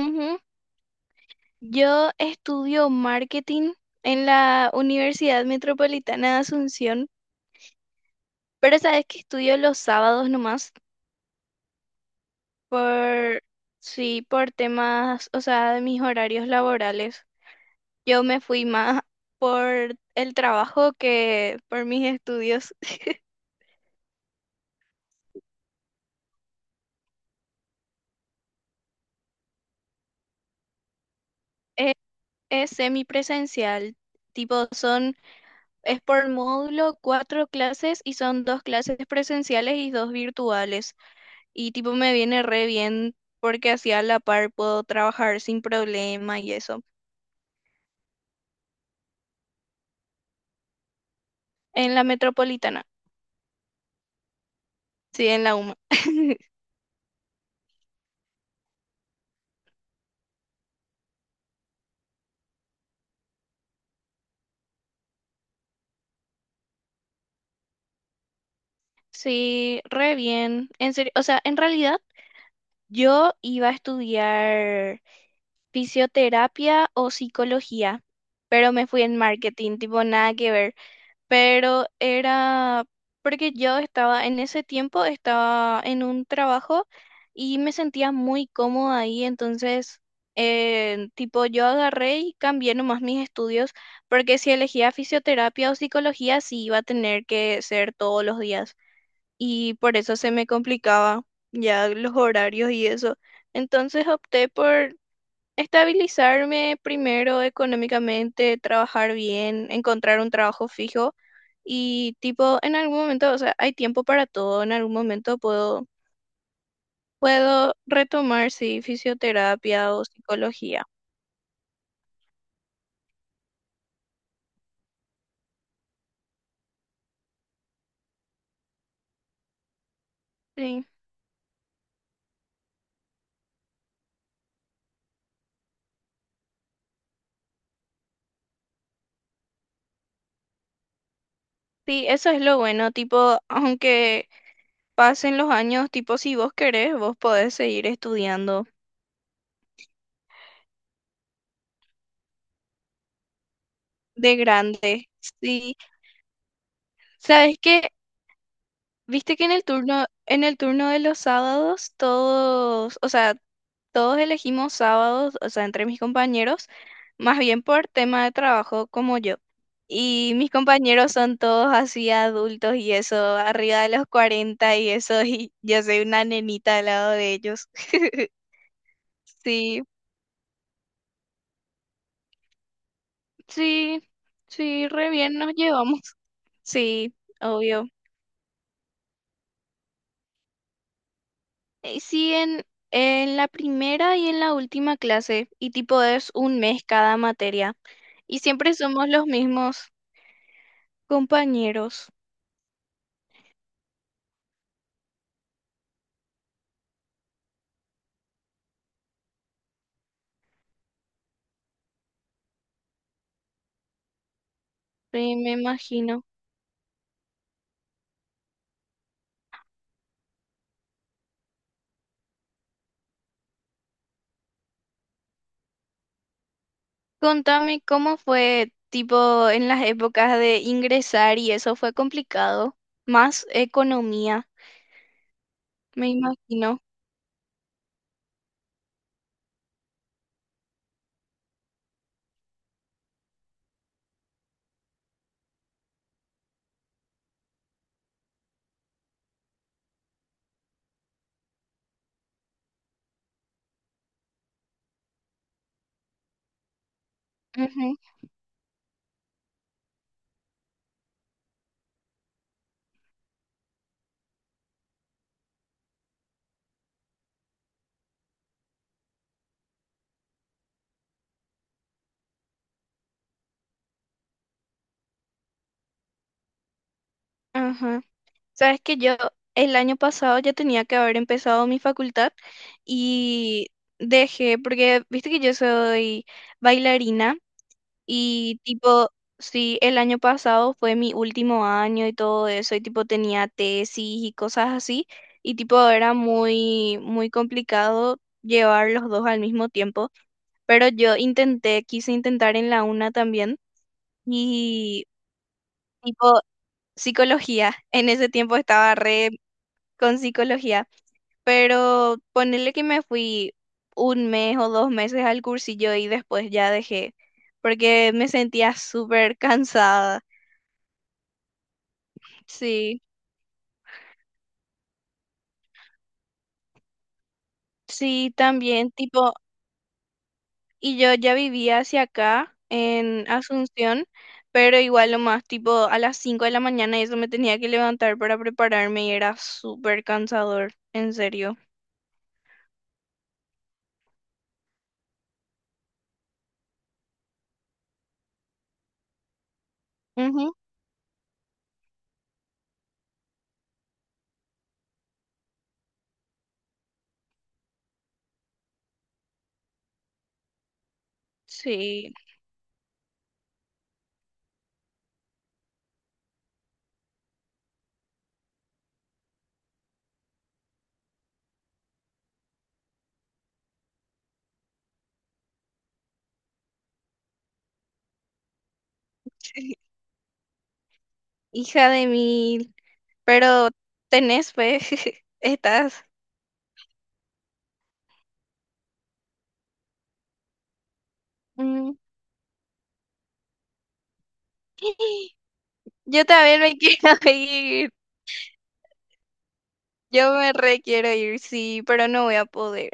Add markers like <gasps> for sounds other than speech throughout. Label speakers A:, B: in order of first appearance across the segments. A: Ujú. Yo estudio marketing en la Universidad Metropolitana de Asunción, pero sabes que estudio los sábados nomás por, sí, por temas, o sea, de mis horarios laborales. Yo me fui más por el trabajo que por mis estudios. <laughs> Es, es semipresencial, tipo son, es por módulo 4 clases y son 2 clases presenciales y 2 virtuales. Y tipo me viene re bien porque así a la par puedo trabajar sin problema y eso. En la metropolitana, sí, en la UMA. Sí, re bien. En serio, o sea, en realidad yo iba a estudiar fisioterapia o psicología, pero me fui en marketing, tipo nada que ver. Pero era porque yo estaba, en ese tiempo estaba en un trabajo y me sentía muy cómoda ahí, entonces, tipo, yo agarré y cambié nomás mis estudios, porque si elegía fisioterapia o psicología, sí iba a tener que ser todos los días y por eso se me complicaba ya los horarios y eso. Entonces opté por estabilizarme primero económicamente, trabajar bien, encontrar un trabajo fijo y tipo, en algún momento, o sea, hay tiempo para todo, en algún momento puedo retomar, sí, fisioterapia o psicología. Sí, sí, eso es lo bueno, tipo, aunque pasen los años, tipo, si vos querés, vos podés seguir estudiando de grande. Sí, sabes que, viste que en el turno de los sábados, todos, o sea, todos elegimos sábados, o sea, entre mis compañeros, más bien por tema de trabajo como yo. Y mis compañeros son todos así adultos y eso, arriba de los 40 y eso, y yo soy una nenita al lado de ellos. <laughs> Sí, sí, sí, re bien nos llevamos. Sí, obvio. Eh, Sí, en, en la primera y en la última clase, y tipo es un mes cada materia, y siempre somos los mismos compañeros. Sí, me imagino. Contame cómo fue, tipo, en las épocas de ingresar y eso fue complicado. Más economía, me imagino. Ujú, ajá. Sabes que yo el año pasado ya tenía que haber empezado mi facultad y dejé, porque viste que yo soy bailarina. Y tipo, sí, el año pasado fue mi último año y todo eso, y tipo tenía tesis y cosas así, y tipo era muy, muy complicado llevar los dos al mismo tiempo, pero yo intenté, quise intentar en la una también, y tipo psicología, <laughs> en ese tiempo estaba re con psicología, pero ponerle que me fui 1 mes o 2 meses al cursillo y después ya dejé, porque me sentía súper cansada. Sí, sí, también, tipo, y yo ya vivía hacia acá en Asunción, pero igual lo más, tipo, a las 5 de la mañana y eso me tenía que levantar para prepararme y era súper cansador, en serio. Ujú. Sí, hija de mil, pero tenés fe, <laughs> estás. Mm. <gasps> Yo también me <laughs> quiero ir, yo me re quiero ir, sí, pero no voy a poder,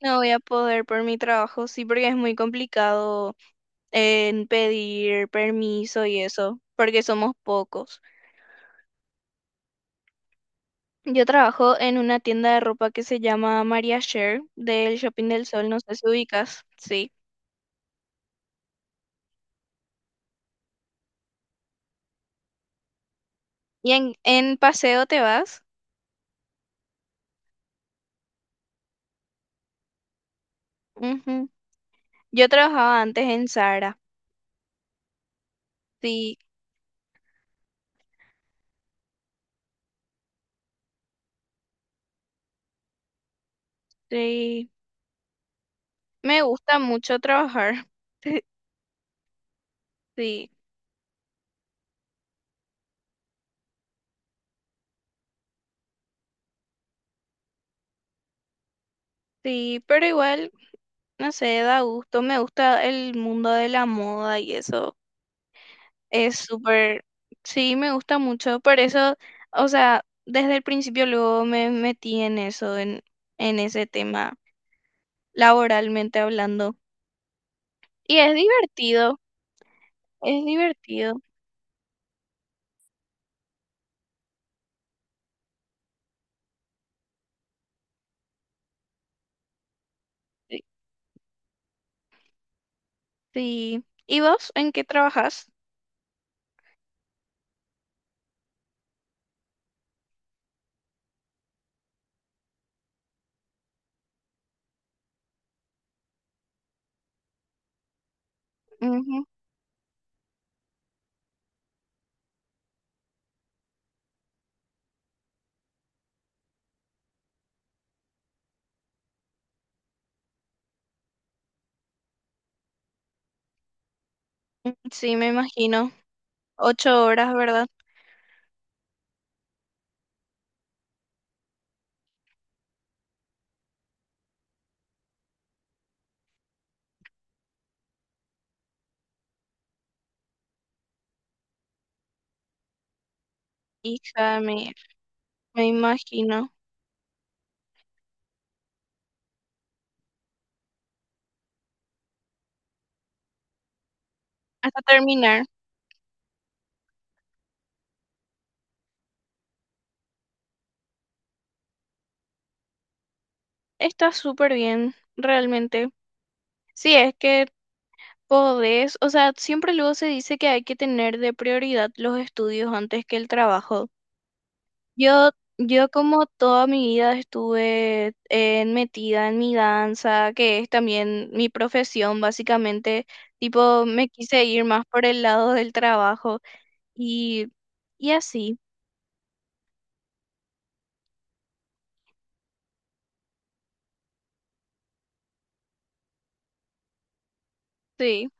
A: no voy a poder por mi trabajo, sí, porque es muy complicado en pedir permiso y eso, porque somos pocos. Yo trabajo en una tienda de ropa que se llama Maria Share del Shopping del Sol, no sé si ubicas, sí. ¿Y en paseo te vas? Ujú. Yo trabajaba antes en Zara, sí, sí. Me gusta mucho trabajar, <laughs> sí, sí, pero igual, no sé, da gusto, me gusta el mundo de la moda y eso. Es súper, sí, me gusta mucho. Por eso, o sea, desde el principio luego me metí en eso, en ese tema, laboralmente hablando. Y es divertido, es divertido. Sí, sí. ¿Y vos en qué trabajas? Ujú. Sí, me imagino. 8 horas, ¿verdad? Hija, me, me imagino. Hasta terminar. Está súper bien, realmente. Sí, es que podés, o sea, siempre luego se dice que hay que tener de prioridad los estudios antes que el trabajo. Yo, yo como toda mi vida estuve metida en mi danza, que es también mi profesión, básicamente, tipo, me quise ir más por el lado del trabajo y, y así, sí,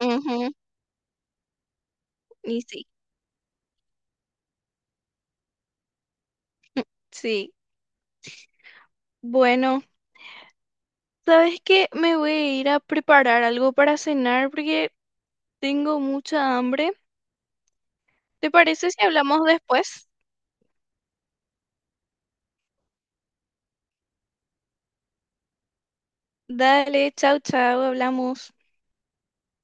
A: ujú, y sí, sí. Bueno, ¿sabes qué? Me voy a ir a preparar algo para cenar porque tengo mucha hambre. ¿Te parece si hablamos después? Dale, chau, chau, hablamos.